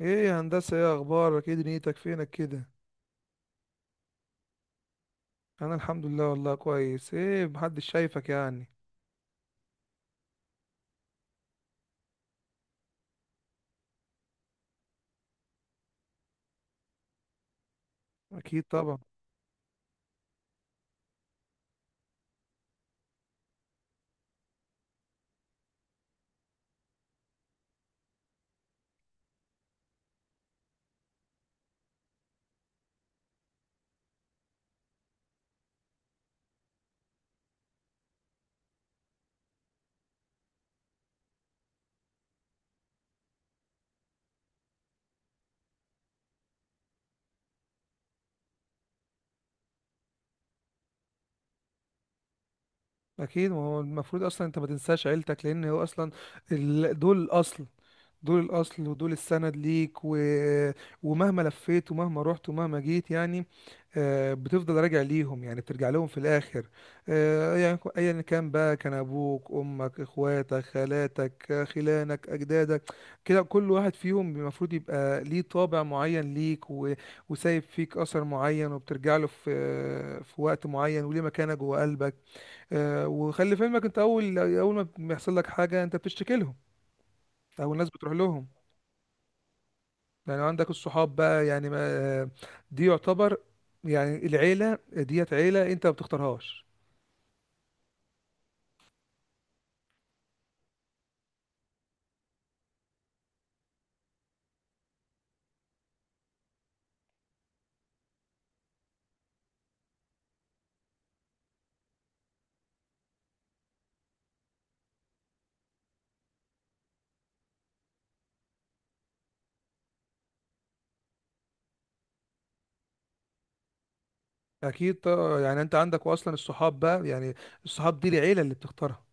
ايه يا هندسة؟ ايه اخبارك؟ ايه دنيتك؟ فينك كده؟ انا الحمد لله والله كويس، ايه محدش شايفك يعني؟ اكيد طبعا. اكيد، ما هو المفروض اصلا انت ما تنساش عيلتك لان هو اصلا دول الاصل. دول الاصل ودول السند ليك ومهما لفيت ومهما رحت ومهما جيت يعني، بتفضل راجع ليهم، يعني بترجع لهم في الاخر. يعني ايا كان بقى، كان ابوك امك اخواتك خالاتك خلانك اجدادك. كده كل واحد فيهم المفروض يبقى ليه طابع معين ليك وسايب فيك اثر معين، وبترجع له في وقت معين وليه مكانه جوه قلبك. وخلي في علمك، انت اول ما بيحصل لك حاجه انت بتشتكي لهم. او الناس بتروح لهم. يعني عندك الصحاب بقى، يعني ما دي يعتبر، يعني العيلة ديت عيلة انت ما بتختارهاش. اكيد طبعاً، يعني انت عندك اصلا الصحاب بقى، يعني الصحاب دي العيلة اللي بتختارها.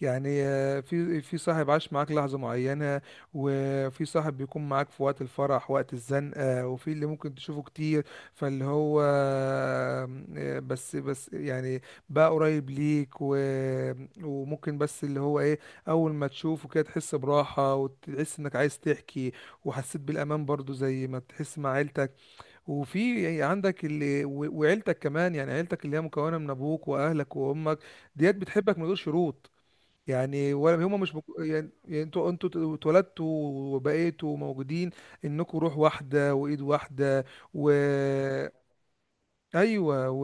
يعني في صاحب عاش معاك لحظة معينة، وفي صاحب بيكون معاك في وقت الفرح، وقت الزنقة، وفي اللي ممكن تشوفه كتير. فاللي هو آه، بس، يعني بقى قريب ليك. وممكن، بس اللي هو ايه، اول ما تشوفه كده تحس براحة، وتحس انك عايز تحكي، وحسيت بالامان برضو زي ما تحس مع عيلتك. وفي عندك وعيلتك كمان، يعني عيلتك اللي هي مكونة من ابوك واهلك وامك، ديت بتحبك من غير شروط. يعني ولا هما مش يعني انتوا اتولدتوا، وبقيتوا موجودين، انكم روح واحده وايد واحده، و ايوه،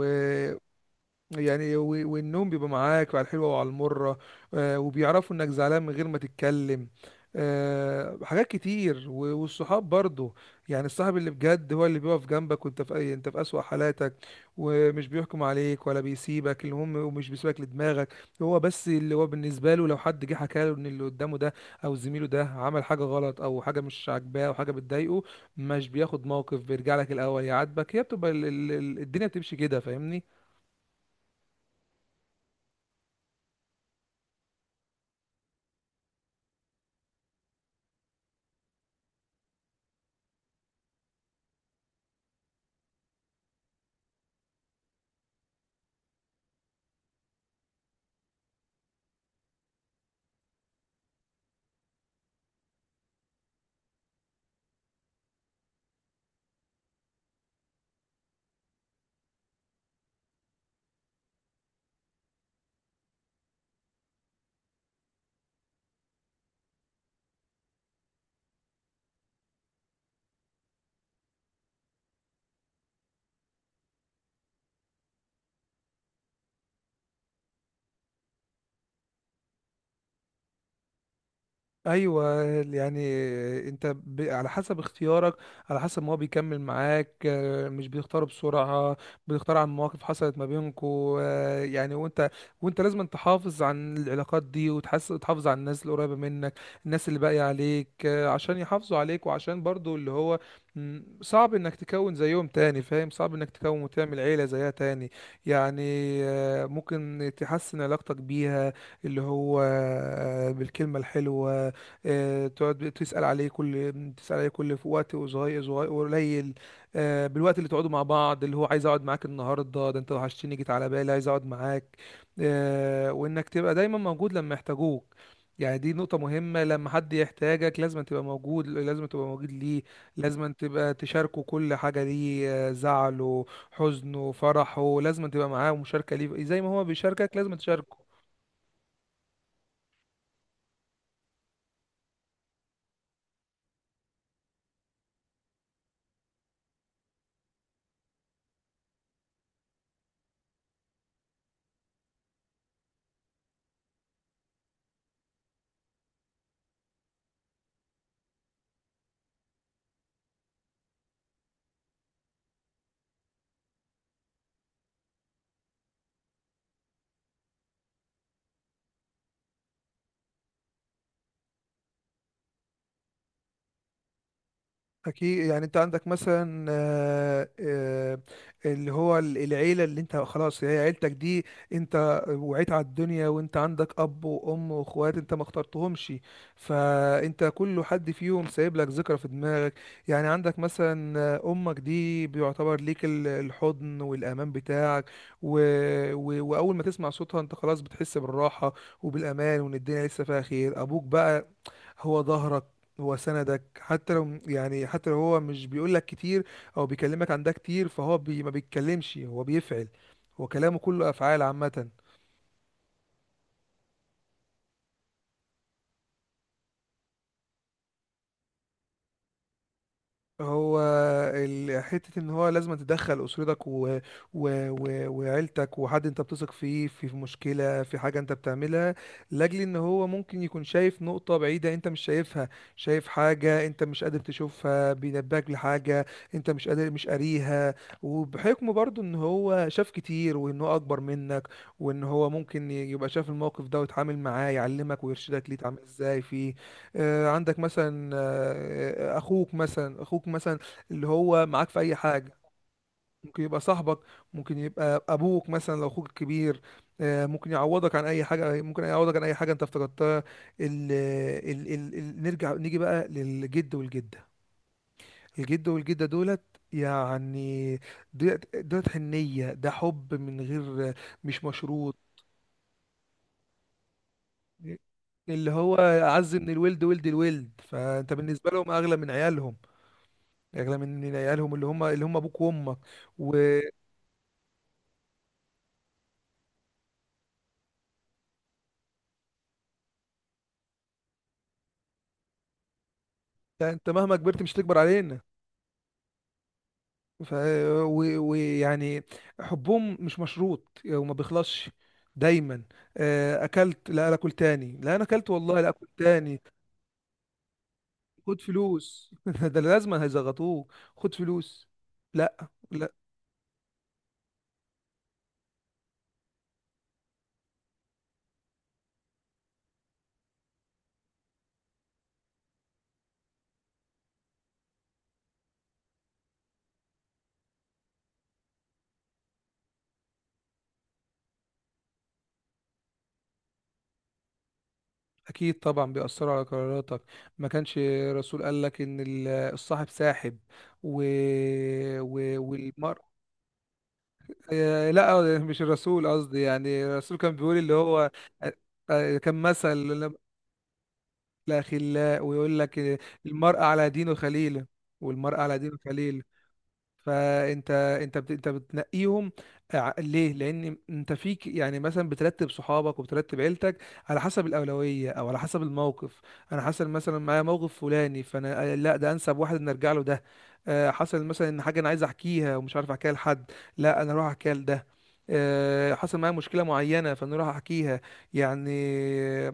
يعني والنوم بيبقى معاك على الحلوة وعلى المرة، وبيعرفوا انك زعلان من غير ما تتكلم. حاجات كتير والصحاب برضو. يعني الصاحب اللي بجد هو اللي بيقف جنبك وانت في اي انت في اسوأ حالاتك، ومش بيحكم عليك ولا بيسيبك، المهم ومش بيسيبك لدماغك. هو بس اللي هو بالنسبة له، لو حد جه حكى له ان اللي قدامه ده، او زميله ده عمل حاجة غلط، او حاجة مش عاجباه، او حاجة بتضايقه، مش بياخد موقف، بيرجع لك الاول يعاتبك. هي بتبقى الدنيا بتمشي كده، فاهمني؟ ايوه، يعني انت على حسب اختيارك، على حسب ما هو بيكمل معاك، مش بيختار بسرعه، بيختار عن مواقف حصلت ما بينكو، يعني وانت، وانت لازم تحافظ عن العلاقات دي، وتحس تحافظ على الناس القريبه منك، الناس اللي باقيه عليك، عشان يحافظوا عليك وعشان برضو اللي هو صعب انك تكون زيهم تاني، فاهم؟ صعب انك تكون وتعمل عيله زيها تاني. يعني ممكن تحسن علاقتك بيها، اللي هو بالكلمه الحلوه. تقعد تسأل عليه كل في وقت، وصغير صغير قليل. بالوقت اللي تقعدوا مع بعض، اللي هو عايز اقعد معاك النهارده ده، انت وحشتني، جيت على بالي، عايز اقعد معاك. وانك تبقى دايما موجود لما يحتاجوك. يعني دي نقطة مهمة، لما حد يحتاجك لازم تبقى موجود، لازم تبقى موجود ليه. لازم تبقى تشاركه كل حاجة ليه، زعله حزنه فرحه، لازم تبقى معاه ومشاركة ليه زي ما هو بيشاركك لازم تشاركه. أكيد، يعني أنت عندك مثلا اللي هو العيلة اللي أنت خلاص هي عيلتك دي. أنت وعيت على الدنيا وأنت عندك أب وأم وأخوات، أنت ما اخترتهمش. فأنت كل حد فيهم سايب لك ذكرى في دماغك. يعني عندك مثلا أمك دي بيعتبر ليك الحضن والأمان بتاعك. و... وأول ما تسمع صوتها أنت خلاص بتحس بالراحة وبالأمان، وإن الدنيا لسه فيها خير. أبوك بقى هو ظهرك، هو سندك، حتى لو، يعني حتى لو هو مش بيقول لك كتير، او بيكلمك عن ده كتير، فهو ما بيتكلمش، هو بيفعل. هو كلامه كله افعال عامه. هو حتة ان هو لازم تدخل اسرتك و... و... و... وعيلتك، وحد انت بتثق فيه في مشكلة، في حاجة انت بتعملها، لاجل ان هو ممكن يكون شايف نقطة بعيدة انت مش شايفها. شايف حاجة انت مش قادر تشوفها، بينبهك لحاجة انت مش قادر مش قاريها، وبحكم برضو ان هو شاف كتير، وان هو اكبر منك، وان هو ممكن يبقى شاف الموقف ده ويتعامل معاه، يعلمك ويرشدك ليه تعمل ازاي فيه. عندك مثلا اخوك مثلا، اللي هو معاك في اي حاجه، ممكن يبقى صاحبك، ممكن يبقى ابوك مثلا لو اخوك كبير. ممكن يعوضك عن اي حاجه ممكن يعوضك عن اي حاجه انت افتقدتها. ال ال ال ال نرجع نيجي بقى للجد والجده. الجد والجده دولت، يعني دولت حنيه، ده حب من غير، مش مشروط. اللي هو اعز من الولد ولد الولد، فانت بالنسبه لهم اغلى من عيالهم. اغلى من عيالهم، اللي هم ابوك وامك. وانت مهما كبرت مش تكبر علينا. ف ويعني حبهم مش مشروط وما بيخلصش. دايما اكلت، لا لا اكل تاني، لا انا اكلت والله لا اكل تاني. خد فلوس ده لازم هيزغطوه. خد فلوس. لا لا. اكيد طبعا بيأثروا على قراراتك. ما كانش الرسول قال لك ان الصاحب ساحب، و... والمرء. لا، مش الرسول قصدي، يعني الرسول كان بيقول اللي هو آه، كان مثل لأخلاء، ويقول لك المرء على دينه خليله، والمرء على دينه خليل. فانت انت بت... انت بتنقيهم. ليه؟ لان انت فيك، يعني مثلا بترتب صحابك وبترتب عيلتك على حسب الاولويه او على حسب الموقف. انا حصل مثلا معايا موقف فلاني، فانا لا، ده انسب واحد ان ارجع له ده. حصل مثلا ان حاجه انا عايز احكيها ومش عارف احكيها لحد، لا انا اروح احكيها لده. حصل معايا مشكله معينه فانا اروح احكيها. يعني، آه،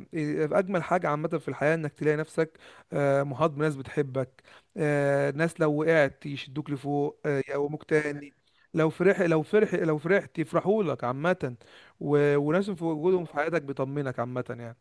اجمل حاجه عامه في الحياه انك تلاقي نفسك محاط بناس بتحبك، ناس لو وقعت يشدوك لفوق، يقوموك تاني، لو فرحت يفرحوا لك عامة، وناس في وجودهم في حياتك بيطمنك عامة يعني.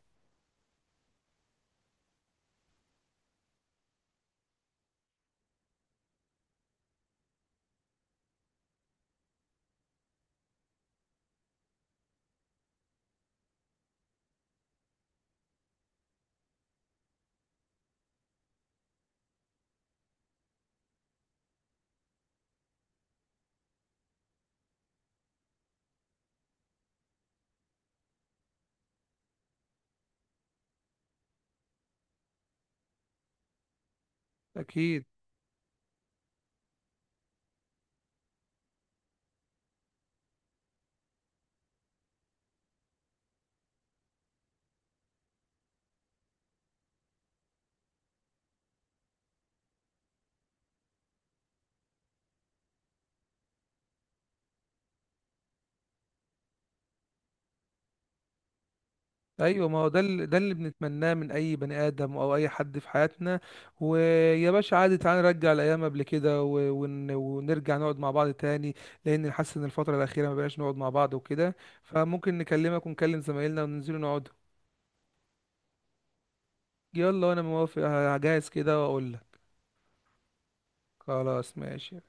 أكيد. أيوة، ما هو ده اللي بنتمناه من أي بني آدم أو أي حد في حياتنا. ويا باشا عادي، تعالى نرجع الأيام قبل كده ونرجع نقعد مع بعض تاني، لأن حاسس إن الفترة الأخيرة ما بقاش نقعد مع بعض وكده. فممكن نكلمك ونكلم زمايلنا وننزلوا نقعد. يلا وأنا موافق، هجهز كده وأقول لك. خلاص ماشي.